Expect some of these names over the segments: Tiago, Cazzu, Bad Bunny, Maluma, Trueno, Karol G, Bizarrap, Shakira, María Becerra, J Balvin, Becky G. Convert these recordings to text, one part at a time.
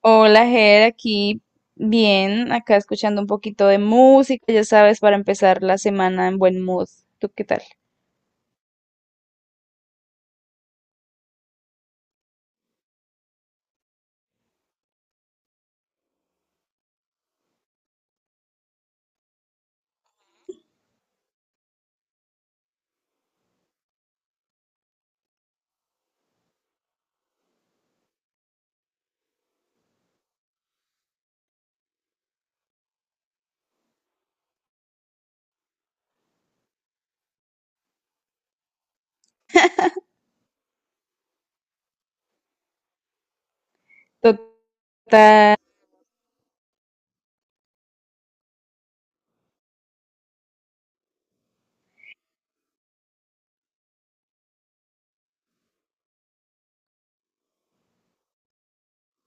Hola, Ger, aquí bien, acá escuchando un poquito de música, ya sabes, para empezar la semana en buen mood. ¿Tú qué tal? Total,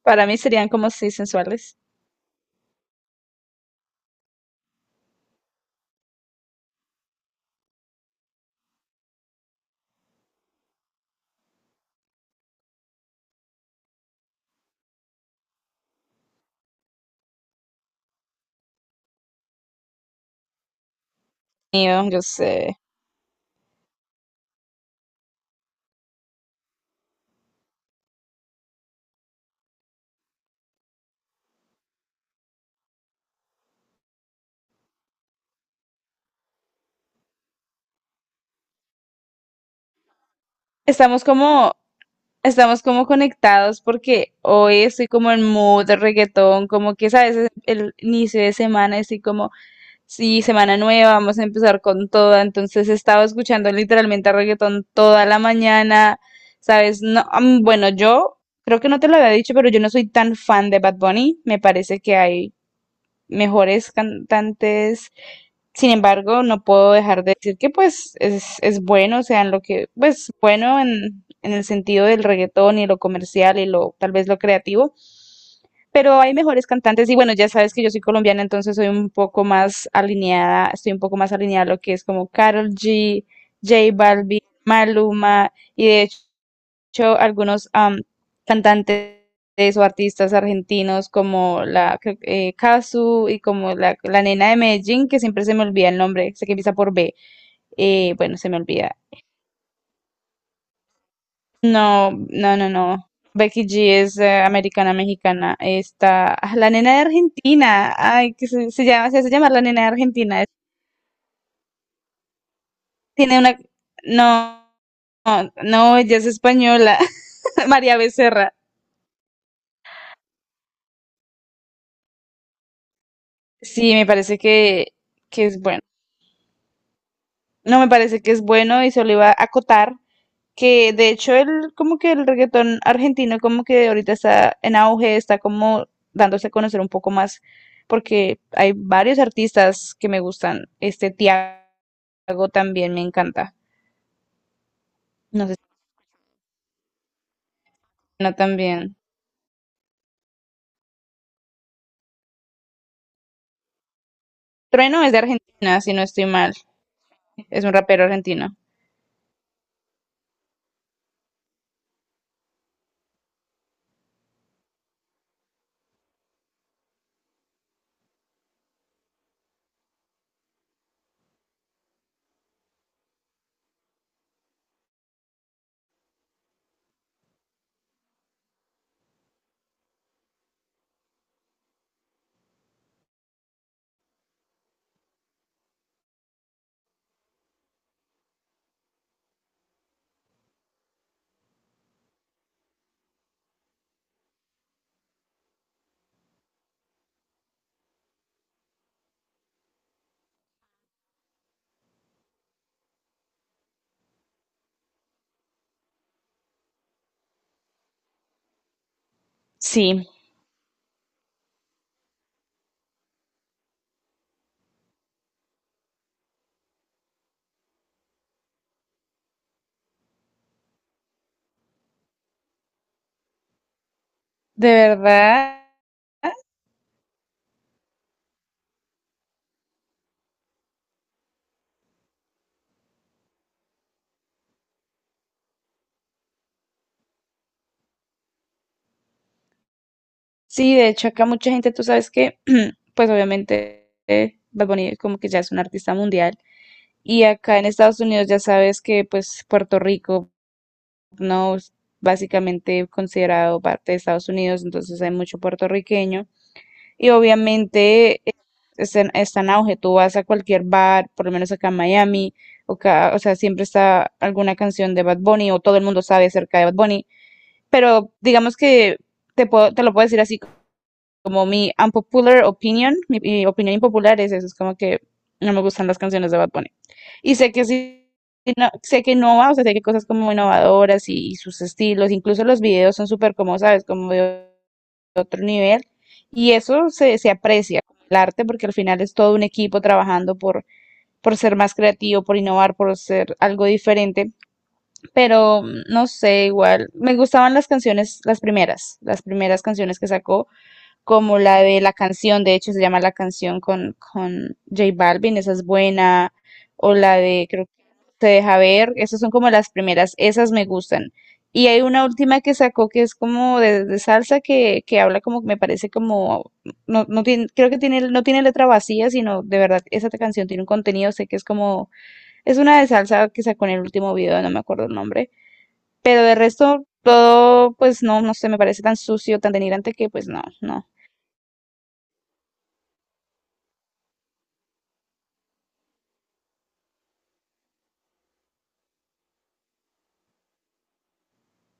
para mí serían como si sensuales. Mío, yo sé. Estamos como, estamos como conectados porque hoy estoy como en mood de reggaetón, como que sabes, es el inicio de semana estoy como sí, semana nueva, vamos a empezar con toda. Entonces estaba escuchando literalmente reggaetón toda la mañana, ¿sabes? No, bueno, yo creo que no te lo había dicho, pero yo no soy tan fan de Bad Bunny. Me parece que hay mejores cantantes. Sin embargo, no puedo dejar de decir que es bueno, o sea, en lo que, pues bueno en el sentido del reggaetón y lo comercial y lo tal vez lo creativo, pero hay mejores cantantes. Y bueno, ya sabes que yo soy colombiana, entonces soy un poco más alineada, estoy un poco más alineada a lo que es como Karol G, J Balvin, Maluma y de hecho algunos cantantes o artistas argentinos como la creo que, Cazzu y como la nena de Medellín, que siempre se me olvida el nombre, sé que empieza por B, bueno, se me olvida. No, no, no, no. Becky G es americana mexicana. Está ah, la nena de Argentina. Ay, que se llama, se hace llamar la nena de Argentina. Tiene una, no, no, no, ella es española. María Becerra. Sí, me parece que es bueno. No, me parece que es bueno y solo iba a acotar que de hecho el reggaetón argentino como que ahorita está en auge, está como dándose a conocer un poco más porque hay varios artistas que me gustan. Este Tiago también me encanta. No sé si Trueno también. Trueno es de Argentina, si no estoy mal. Es un rapero argentino. Sí, de verdad. Sí, de hecho acá mucha gente, tú sabes que pues obviamente Bad Bunny como que ya es un artista mundial. Y acá en Estados Unidos ya sabes que pues Puerto Rico no es básicamente considerado parte de Estados Unidos, entonces hay mucho puertorriqueño y obviamente está está en auge, tú vas a cualquier bar, por lo menos acá en Miami, o, ca- o sea, siempre está alguna canción de Bad Bunny o todo el mundo sabe acerca de Bad Bunny, pero digamos que te puedo, te lo puedo decir así como mi unpopular opinion, mi opinión impopular es eso, es como que no me gustan las canciones de Bad Bunny. Y sé que sí, no- sé que innova, o sea, sé que cosas como innovadoras y sus estilos, incluso los videos son súper como, ¿sabes? Como de otro nivel. Y eso se aprecia, el arte, porque al final es todo un equipo trabajando por ser más creativo, por innovar, por ser algo diferente. Pero no sé, igual, me gustaban las canciones, las primeras canciones que sacó como la de la canción, de hecho se llama La canción con J Balvin, esa es buena, o la de creo que Te deja ver, esas son como las primeras, esas me gustan. Y hay una última que sacó que es como de salsa que habla como, me parece como, no, no tiene, creo que tiene, no tiene letra vacía, sino de verdad, esa canción tiene un contenido, sé que es como, es una de salsa que sacó en el último video, no me acuerdo el nombre, pero de resto todo, pues no, no sé, me parece tan sucio, tan denigrante que pues no, no,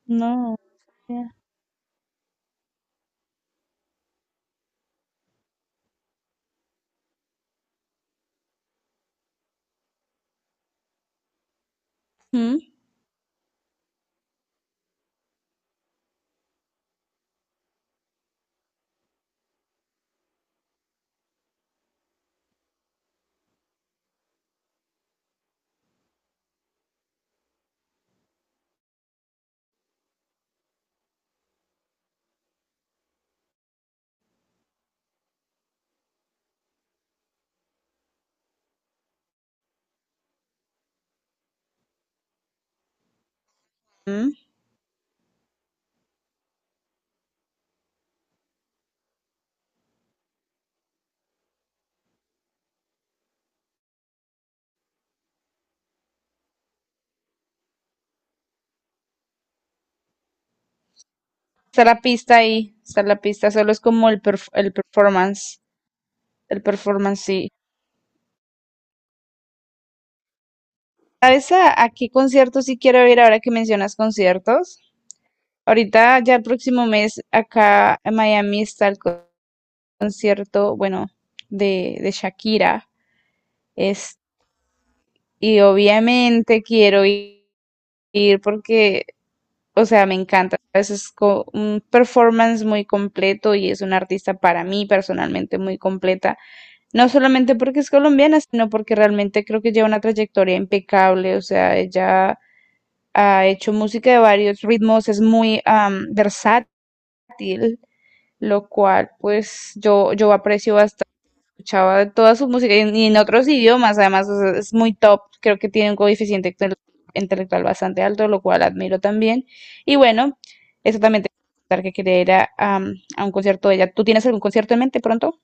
no. Mm, mm. Está la pista ahí, está la pista, solo es como el, perf- el performance sí. ¿Sabes a qué concierto sí quiero ir ahora que mencionas conciertos? Ahorita ya el próximo mes acá en Miami está el co- concierto, bueno, de Shakira. Es, y obviamente quiero i- ir porque, o sea, me encanta. ¿Sabes? Es co- un performance muy completo y es una artista para mí personalmente muy completa. No solamente porque es colombiana, sino porque realmente creo que lleva una trayectoria impecable, o sea, ella ha hecho música de varios ritmos, es muy versátil, lo cual pues yo aprecio bastante escuchaba toda su música y en otros idiomas, además o sea, es muy top, creo que tiene un coeficiente intel- intelectual bastante alto, lo cual admiro también. Y bueno, eso también te quería contar que quería ir a, a un concierto de ella. ¿Tú tienes algún concierto en mente pronto?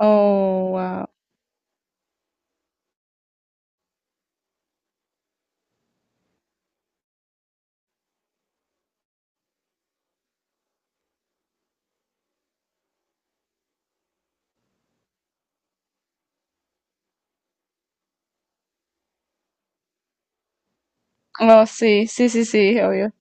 Oh, wow. Oh, sí, sí, sí, sí, obvio.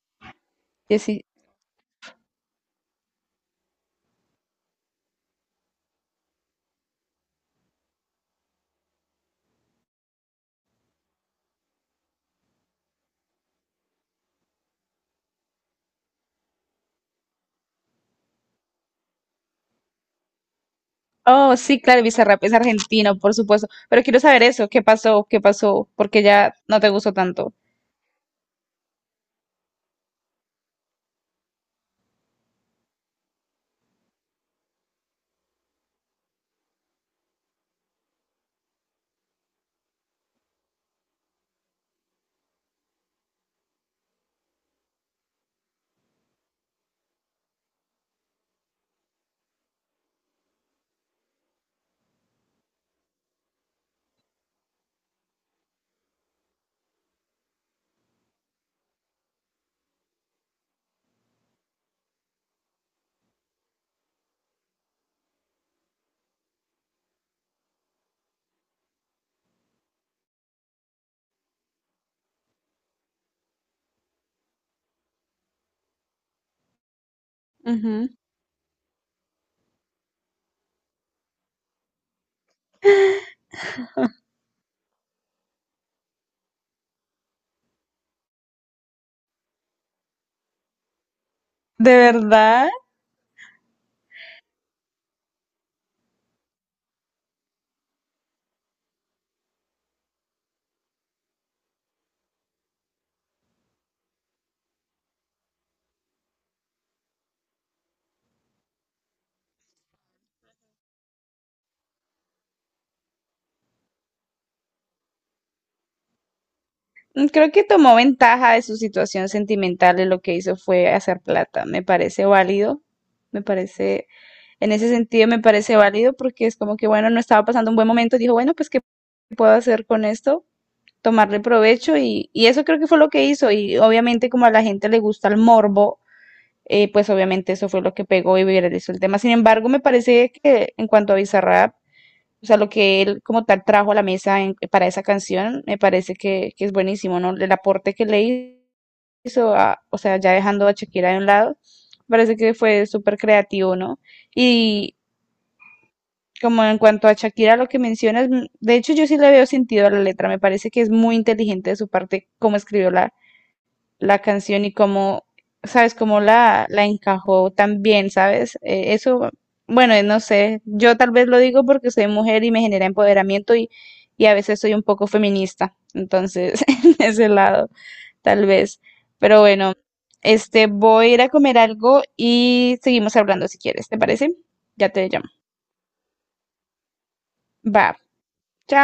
Oh, sí, claro, Bizarrap es argentino, por supuesto. Pero quiero saber eso, ¿qué pasó? ¿Qué pasó? Porque ya no te gustó tanto. Ujú. ¿De verdad? Mm, creo que tomó ventaja de su situación sentimental y lo que hizo fue hacer plata. Me parece válido. Me parece, en ese sentido me parece válido porque es como que, bueno, no estaba pasando un buen momento. Dijo, bueno, pues, ¿qué puedo hacer con esto? Tomarle provecho y eso creo que fue lo que hizo. Y obviamente como a la gente le gusta el morbo pues obviamente eso fue lo que pegó y viralizó el tema. Sin embargo, me parece que en cuanto a Bizarrap, o sea, lo que él como tal trajo a la mesa en- para esa canción, me parece que es buenísimo, ¿no? El aporte que le hizo, a- o sea, ya dejando a Shakira de un lado, parece que fue súper creativo, ¿no? Y como en cuanto a Shakira, lo que mencionas, de hecho yo sí le veo sentido a la letra, me parece que es muy inteligente de su parte cómo escribió la canción y cómo, sabes, cómo la encajó tan bien, ¿sabes? Eso, bueno, no sé, yo tal vez lo digo porque soy mujer y me genera empoderamiento y a veces soy un poco feminista, entonces, en ese lado, tal vez. Pero bueno, este, voy a ir a comer algo y seguimos hablando si quieres, ¿te parece? Ya te llamo. Va, chao.